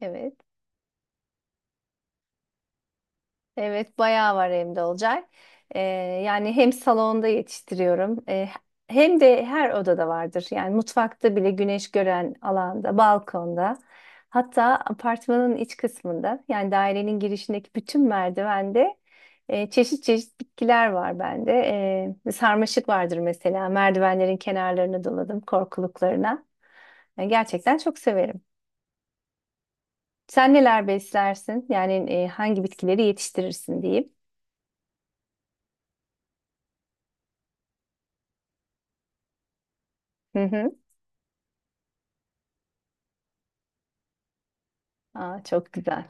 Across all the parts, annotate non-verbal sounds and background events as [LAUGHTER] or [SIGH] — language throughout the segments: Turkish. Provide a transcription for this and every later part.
Evet. Evet, bayağı var evde olacak. Ee, yani hem salonda yetiştiriyorum, hem de her odada vardır. Yani mutfakta bile güneş gören alanda, balkonda, hatta apartmanın iç kısmında, yani dairenin girişindeki bütün merdivende çeşit çeşit bitkiler var bende. Sarmaşık vardır mesela. Merdivenlerin kenarlarını doladım, korkuluklarına. Yani gerçekten çok severim. Sen neler beslersin? Yani hangi bitkileri yetiştirirsin diyeyim. Hı hı. Aa, çok güzel.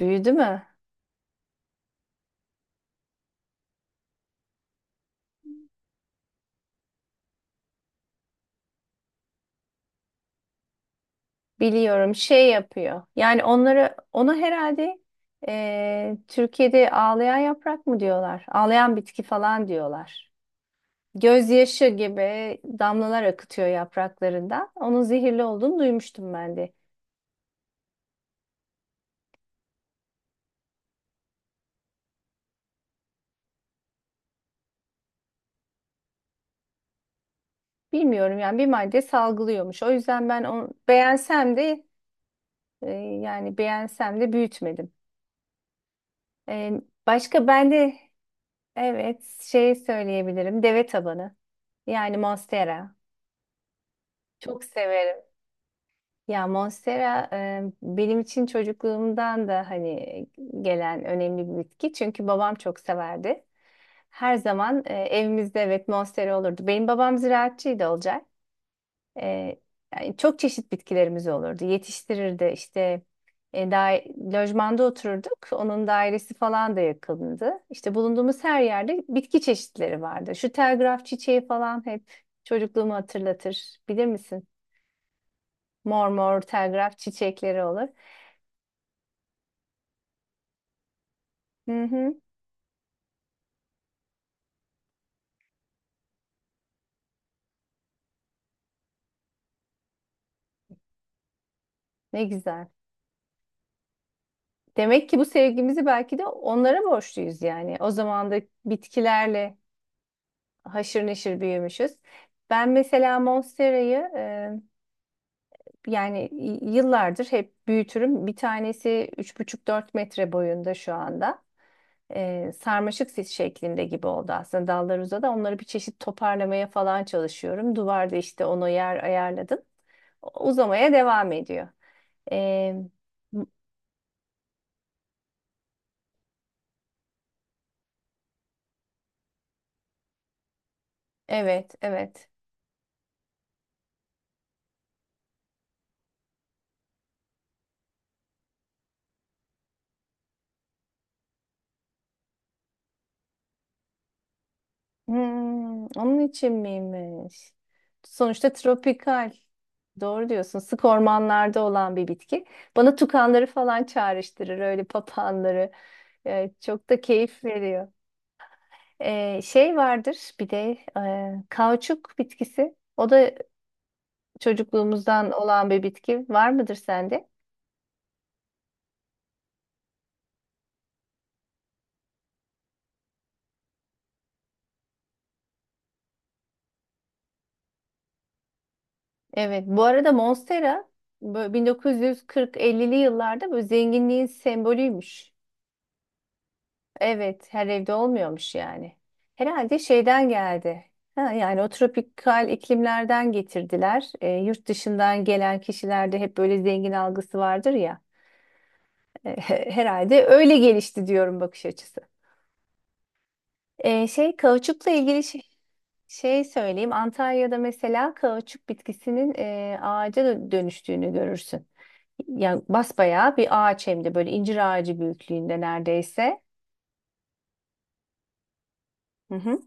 Büyüdü mü? Biliyorum şey yapıyor. Yani onları ona herhalde Türkiye'de ağlayan yaprak mı diyorlar? Ağlayan bitki falan diyorlar. Gözyaşı gibi damlalar akıtıyor yapraklarından. Onun zehirli olduğunu duymuştum ben de. Bilmiyorum yani bir madde salgılıyormuş. O yüzden ben onu beğensem de yani beğensem de büyütmedim. E, Başka ben de evet şey söyleyebilirim. Deve tabanı. Yani Monstera. Çok severim. Ya Monstera benim için çocukluğumdan da hani gelen önemli bir bitki. Çünkü babam çok severdi. Her zaman evimizde evet Monstera olurdu. Benim babam ziraatçıydı Olcay. E, Yani çok çeşit bitkilerimiz olurdu. Yetiştirirdi işte e, da, lojmanda otururduk. Onun dairesi falan da yakındı. İşte bulunduğumuz her yerde bitki çeşitleri vardı. Şu telgraf çiçeği falan hep çocukluğumu hatırlatır. Bilir misin? Mor mor telgraf çiçekleri olur. Hı hı, ne güzel. Demek ki bu sevgimizi belki de onlara borçluyuz yani. O zaman da bitkilerle haşır neşir büyümüşüz. Ben mesela Monstera'yı yani yıllardır hep büyütürüm. Bir tanesi üç buçuk dört metre boyunda şu anda. Sarmaşık sis şeklinde gibi oldu aslında dallar uzadı. Onları bir çeşit toparlamaya falan çalışıyorum. Duvarda işte ona yer ayarladım. Uzamaya devam ediyor. Ee, evet, evet. Hmm, onun için miymiş? Sonuçta tropikal. Doğru diyorsun. Sık ormanlarda olan bir bitki. Bana tukanları falan çağrıştırır, öyle papağanları. Çok da keyif veriyor. Şey vardır bir de kauçuk bitkisi. O da çocukluğumuzdan olan bir bitki var mıdır sende? Evet. Bu arada Monstera 1940-50'li yıllarda bu zenginliğin sembolüymüş. Evet, her evde olmuyormuş yani. Herhalde şeyden geldi. Ha, yani o tropikal iklimlerden getirdiler. Yurt dışından gelen kişilerde hep böyle zengin algısı vardır ya. Herhalde öyle gelişti diyorum bakış açısı. Şey kauçukla ilgili şey, şey söyleyeyim. Antalya'da mesela kauçuk bitkisinin ağaca dönüştüğünü görürsün. Yani basbayağı bir ağaç hem de böyle incir ağacı büyüklüğünde neredeyse. Hı hı.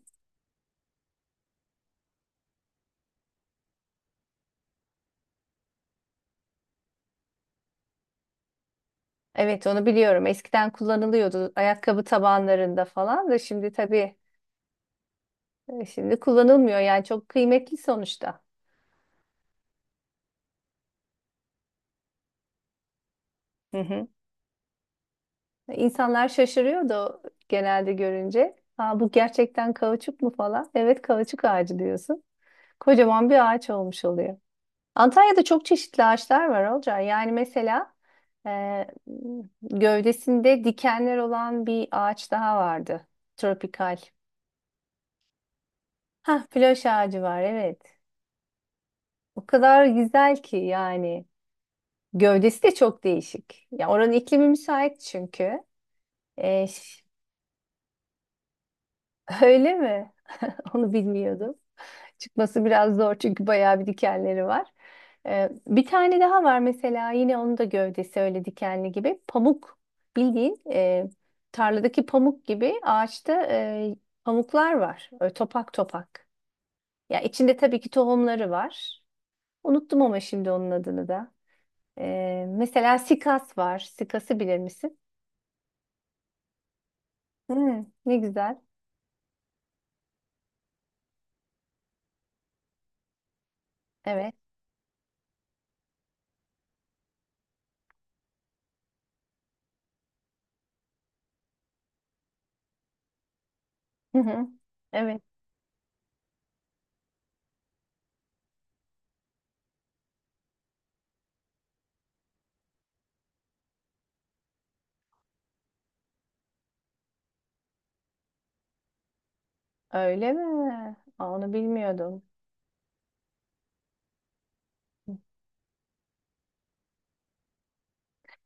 Evet onu biliyorum. Eskiden kullanılıyordu ayakkabı tabanlarında falan da şimdi tabii şimdi kullanılmıyor. Yani çok kıymetli sonuçta. İnsanlar şaşırıyordu genelde görünce. Aa, bu gerçekten kauçuk mu falan? Evet kauçuk ağacı diyorsun. Kocaman bir ağaç olmuş oluyor. Antalya'da çok çeşitli ağaçlar var Olcay. Yani mesela e, gövdesinde dikenler olan bir ağaç daha vardı. Tropikal. Hah, floş ağacı var evet. O kadar güzel ki yani. Gövdesi de çok değişik. Ya oranın iklimi müsait çünkü. E, ş- [LAUGHS] öyle mi? [LAUGHS] Onu bilmiyordum. Çıkması biraz zor çünkü bayağı bir dikenleri var. Bir tane daha var mesela yine onun da gövdesi öyle dikenli gibi. Pamuk bildiğin tarladaki pamuk gibi ağaçta pamuklar var. Öyle topak topak. Ya içinde tabii ki tohumları var. Unuttum ama şimdi onun adını da. Mesela sikas var. Sikası bilir misin? Hmm, ne güzel. Evet. Hı hı. Evet. Öyle mi? Aa, onu bilmiyordum.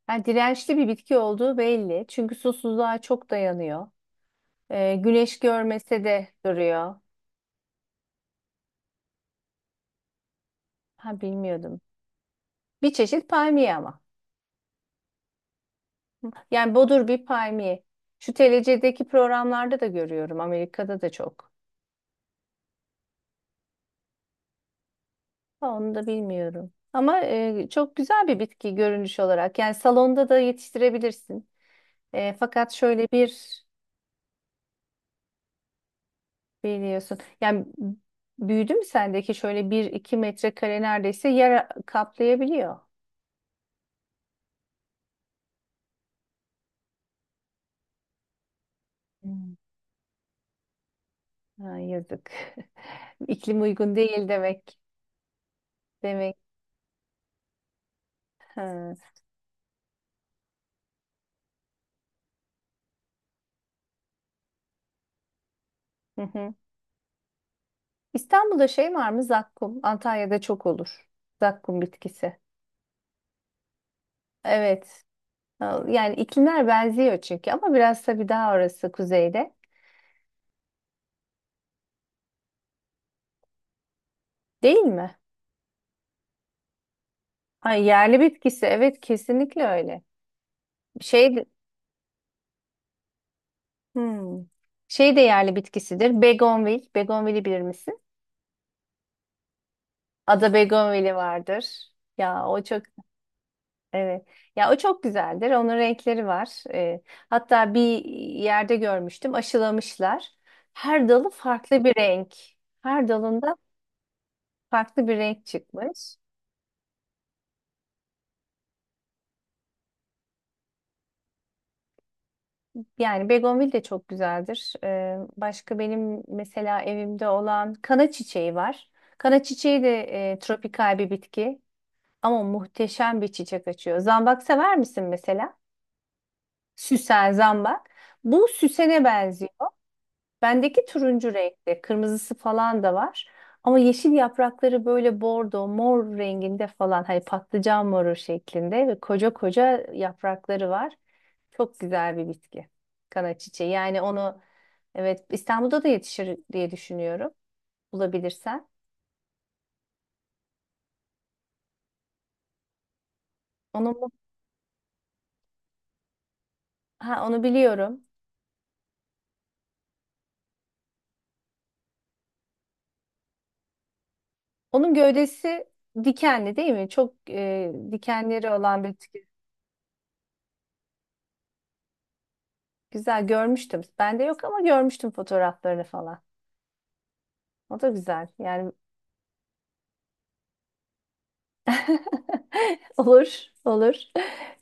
Yani dirençli bir bitki olduğu belli. Çünkü susuzluğa çok dayanıyor. Güneş görmese de duruyor. Ha bilmiyordum. Bir çeşit palmiye ama. Yani bodur bir palmiye. Şu TLC'deki programlarda da görüyorum. Amerika'da da çok. Ha, onu da bilmiyorum. Ama çok güzel bir bitki görünüş olarak. Yani salonda da yetiştirebilirsin. Fakat şöyle bir biliyorsun. Yani büyüdü mü sendeki şöyle bir iki metrekare neredeyse yer kaplayabiliyor. Hmm. Ha, yazık. [LAUGHS] İklim uygun değil demek. Demek. Ha. Hı hı. İstanbul'da şey var mı? Zakkum. Antalya'da çok olur. Zakkum bitkisi. Evet. Ha, yani iklimler benziyor çünkü ama biraz tabii daha orası kuzeyde. Değil mi? Ha, yerli bitkisi. Evet kesinlikle öyle. Şey, de- hmm. Şey de yerli bitkisidir. Begonvil. Begonvil'i bilir misin? Ada Begonvil'i vardır. Ya o çok evet. Ya o çok güzeldir. Onun renkleri var. Hatta bir yerde görmüştüm. Aşılamışlar. Her dalı farklı bir renk. Her dalında farklı bir renk çıkmış. Yani begonvil de çok güzeldir. Başka benim mesela evimde olan kana çiçeği var. Kana çiçeği de tropikal bir bitki. Ama muhteşem bir çiçek açıyor. Zambak sever misin mesela? Süsen, zambak. Bu süsene benziyor. Bendeki turuncu renkte, kırmızısı falan da var. Ama yeşil yaprakları böyle bordo, mor renginde falan. Hani patlıcan moru şeklinde ve koca koca yaprakları var. Çok güzel bir bitki. Kana çiçeği. Yani onu evet İstanbul'da da yetişir diye düşünüyorum. Bulabilirsen. Onu, mu- ha, onu biliyorum. Onun gövdesi dikenli değil mi? Çok dikenleri olan bir bitki. Güzel görmüştüm. Bende yok ama görmüştüm fotoğraflarını falan. O da güzel. Yani [LAUGHS] olur, olur.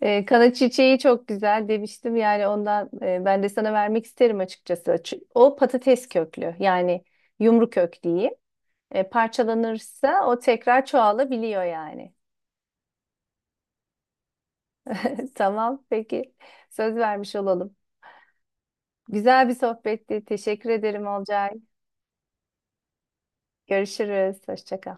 Kana çiçeği çok güzel demiştim yani ondan ben de sana vermek isterim açıkçası. O patates köklü yani yumru kök diyeyim. Parçalanırsa o tekrar çoğalabiliyor yani. [LAUGHS] Tamam, peki. Söz vermiş olalım. Güzel bir sohbetti. Teşekkür ederim Olcay. Görüşürüz. Hoşça kal.